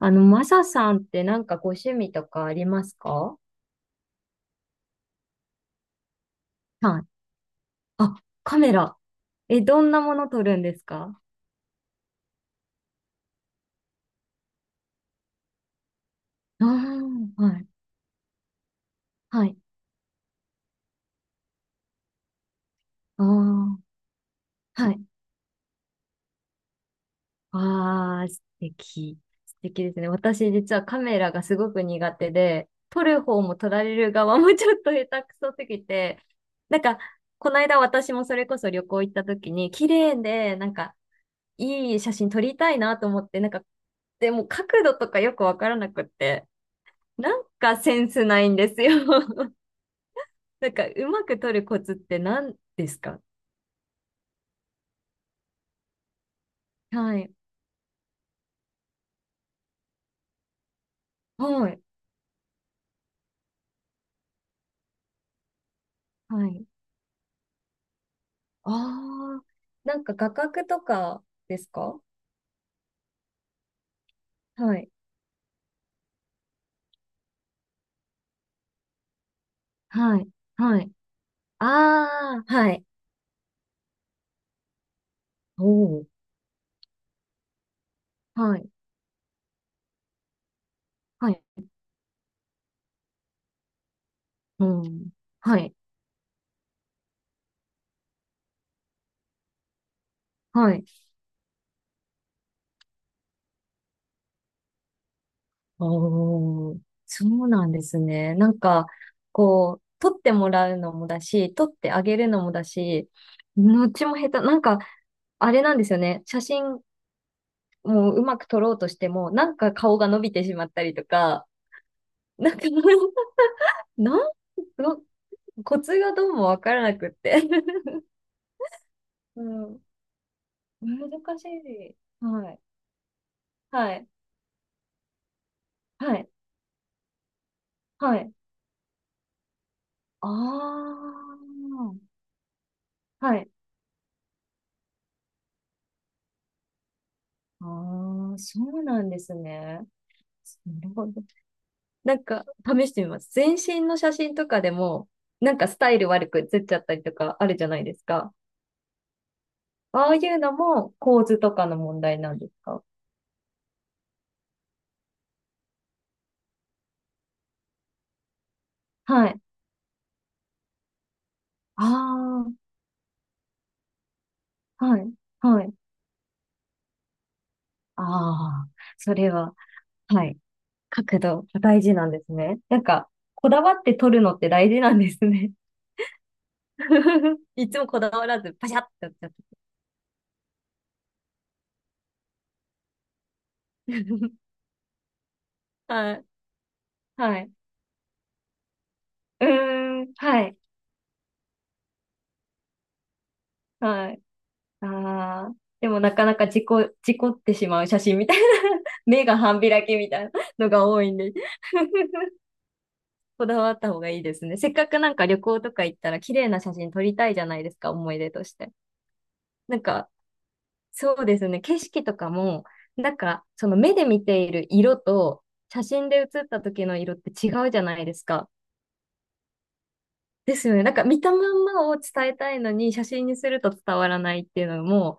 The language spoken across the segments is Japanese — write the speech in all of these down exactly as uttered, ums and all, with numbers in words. あの、マサさんってなんかご趣味とかありますか？はい。あ、カメラ。え、どんなもの撮るんですか？ああー、はい。はい。ああ、はい。ああ、素敵。素敵ですね。私実はカメラがすごく苦手で、撮る方も撮られる側も ちょっと下手くそすぎて、なんか、この間私もそれこそ旅行行った時に、綺麗で、なんか、いい写真撮りたいなと思って、なんか、でも角度とかよくわからなくって、なんかセンスないんですよ。なんか、うまく取るコツって何ですか？はい。はい。はい。ああ、なんか画角とかですか？はい。はい。はい。ああ、はい。おお。はい。はい。うん。はい。はい。おお。そうなんですね。なんか、こう、取ってもらうのもだし、取ってあげるのもだし、どっちも下手。なんか、あれなんですよね。写真もううまく撮ろうとしても、なんか顔が伸びてしまったりとか、なんか なん、どコツがどうもわからなくって うん、難しい。はい。はい。はい。はい。ああ。はい。ああ、そうなんですね。なるほど。なんか、試してみます。全身の写真とかでも、なんかスタイル悪く写っちゃったりとかあるじゃないですか。ああいうのも構図とかの問題なんですか？はい。ああ、はい、はい。ああ、それは、はい。角度、大事なんですね。なんか、こだわって撮るのって大事なんですね。いつもこだわらず、パシャッってやっちゃった。はい、はい。うーん、はい、はい。ああ、でもなかなか事故、事故ってしまう写真みたいな、目が半開きみたいなのが多いんで、こだわった方がいいですね。せっかくなんか旅行とか行ったら、綺麗な写真撮りたいじゃないですか、思い出として。なんか、そうですね。景色とかも、なんか、その目で見ている色と、写真で写った時の色って違うじゃないですか。ですよね。なんか見たまんまを伝えたいのに、写真にすると伝わらないっていうのも、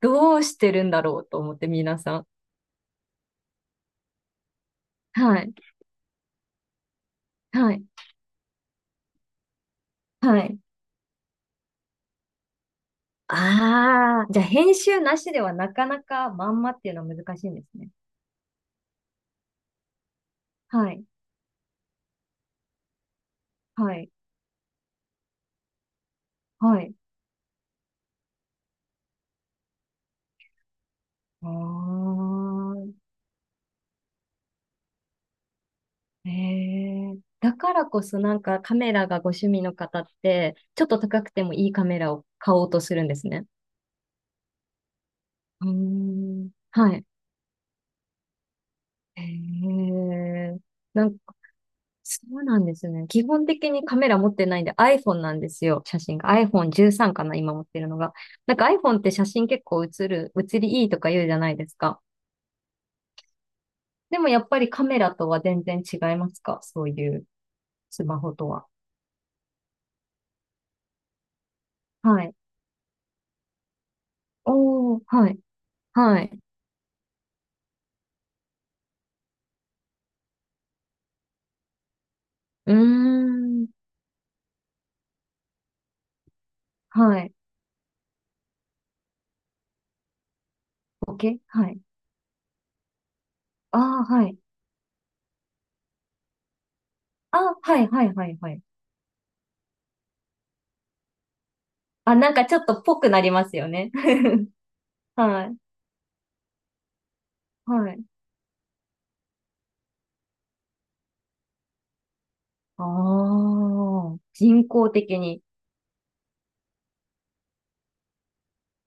どうしてるんだろうと思って、皆さん。はい。はい。はい。ああ、じゃあ編集なしではなかなかまんまっていうのは難しいんですね。はい。はい。はい。ああ。ええ、だからこそなんかカメラがご趣味の方って、ちょっと高くてもいいカメラを買おうとするんですね。うーん。はい。ええ、なんか、そうなんですね。基本的にカメラ持ってないんで iPhone なんですよ。写真が。アイフォンサーティーン かな、今持ってるのが。なんか iPhone って写真結構写る、写りいいとか言うじゃないですか。でもやっぱりカメラとは全然違いますか？そういうスマホとは。はい。おー、はい。はい。うーん。はい。ボケはい。ああ、はい。ああ、はい、はい、はい、はい。あ、なんかちょっとぽくなりますよね。はい、はい。ああ、人工的に。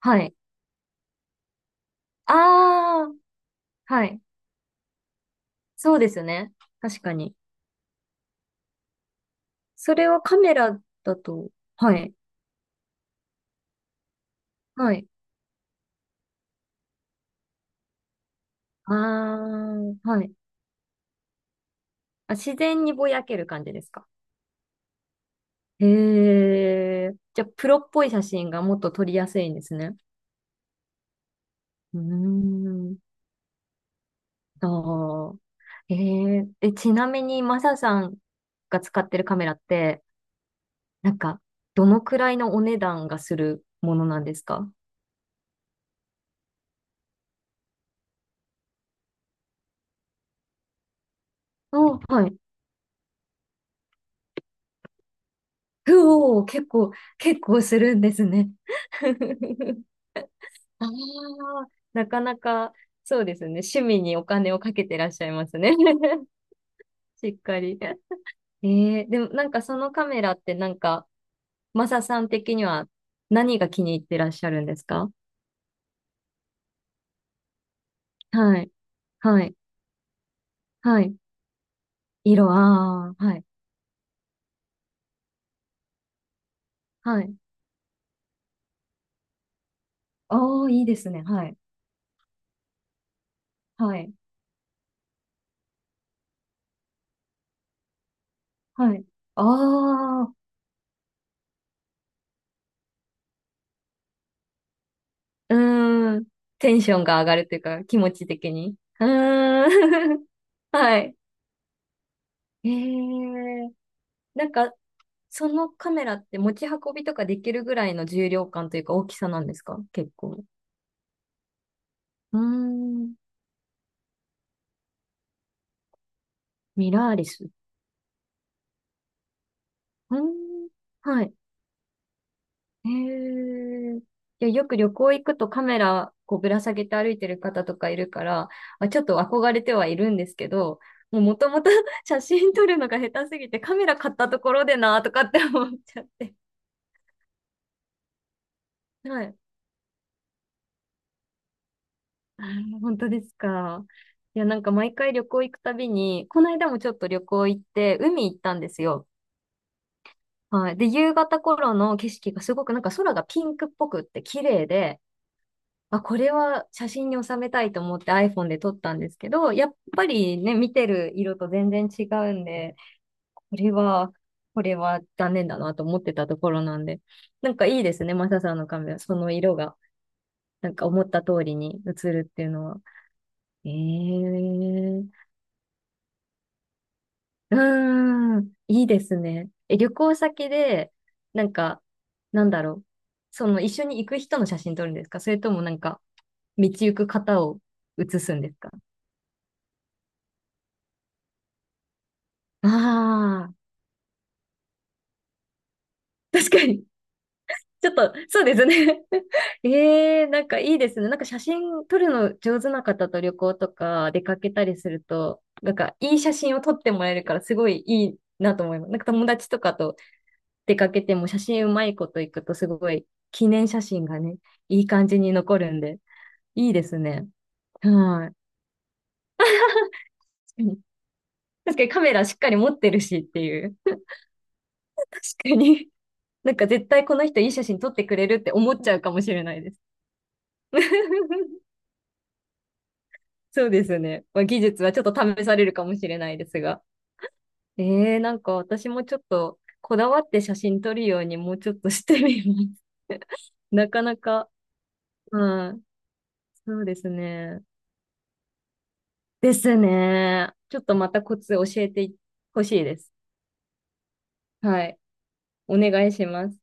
はい。ああ、はい。そうですね。確かに。それはカメラだと、はい、はい。ああ、はい。あ、自然にぼやける感じですか。へえ。じゃあ、プロっぽい写真がもっと撮りやすいんですね。うーん。ああ。えええ、ちなみに、マサさんが使ってるカメラって、なんか、どのくらいのお値段がするものなんですか？お、はい。うおー、結構、結構するんですね。ああ、なかなか、そうですね。趣味にお金をかけてらっしゃいますね。しっかり。ええ、でもなんかそのカメラってなんか、マサさん的には何が気に入ってらっしゃるんですか？はい、はい、はい。色、ああ、はい、はい。ああ、いいですね。はい、はい、はい。ああ、うーん。テンションが上がるというか、気持ち的に。うーん。はい。ええ、なんか、そのカメラって持ち運びとかできるぐらいの重量感というか大きさなんですか？結構。うーん。ミラーリス。うーん。はい。へえ。いや、よく旅行行くとカメラこうぶら下げて歩いてる方とかいるから、あ、ちょっと憧れてはいるんですけど、もうもともと 写真撮るのが下手すぎてカメラ買ったところでなとかって思っちゃって。はい。あー、本当ですか。いや、なんか毎回旅行行くたびに、この間もちょっと旅行行って海行ったんですよ。はい。で、夕方頃の景色がすごくなんか空がピンクっぽくって綺麗で、まあ、これは写真に収めたいと思って iPhone で撮ったんですけど、やっぱりね、見てる色と全然違うんで、これは、これは残念だなと思ってたところなんで、なんかいいですね、マサさんのカメラ、その色が、なんか思った通りに映るっていうのは。ええ、うーん、いいですね。え、旅行先で、なんか、なんだろう、その一緒に行く人の写真撮るんですか？それともなんか、道行く方を写すんですか？ああー。確かに。ちょっと、そうですね。ええ、なんかいいですね。なんか写真撮るの上手な方と旅行とか出かけたりすると、なんかいい写真を撮ってもらえるからすごいいいなと思います。なんか友達とかと出かけても写真うまいこと行くとすごい記念写真がね、いい感じに残るんで、いいですね。はい。うん、確かにカメラしっかり持ってるしっていう。確かに。なんか絶対この人いい写真撮ってくれるって思っちゃうかもしれないです。そうですね。まあ、技術はちょっと試されるかもしれないですが。えー、なんか私もちょっとこだわって写真撮るようにもうちょっとしてみます。なかなか、うん、そうですね。ですね。ちょっとまたコツ教えてほしいです。はい。お願いします。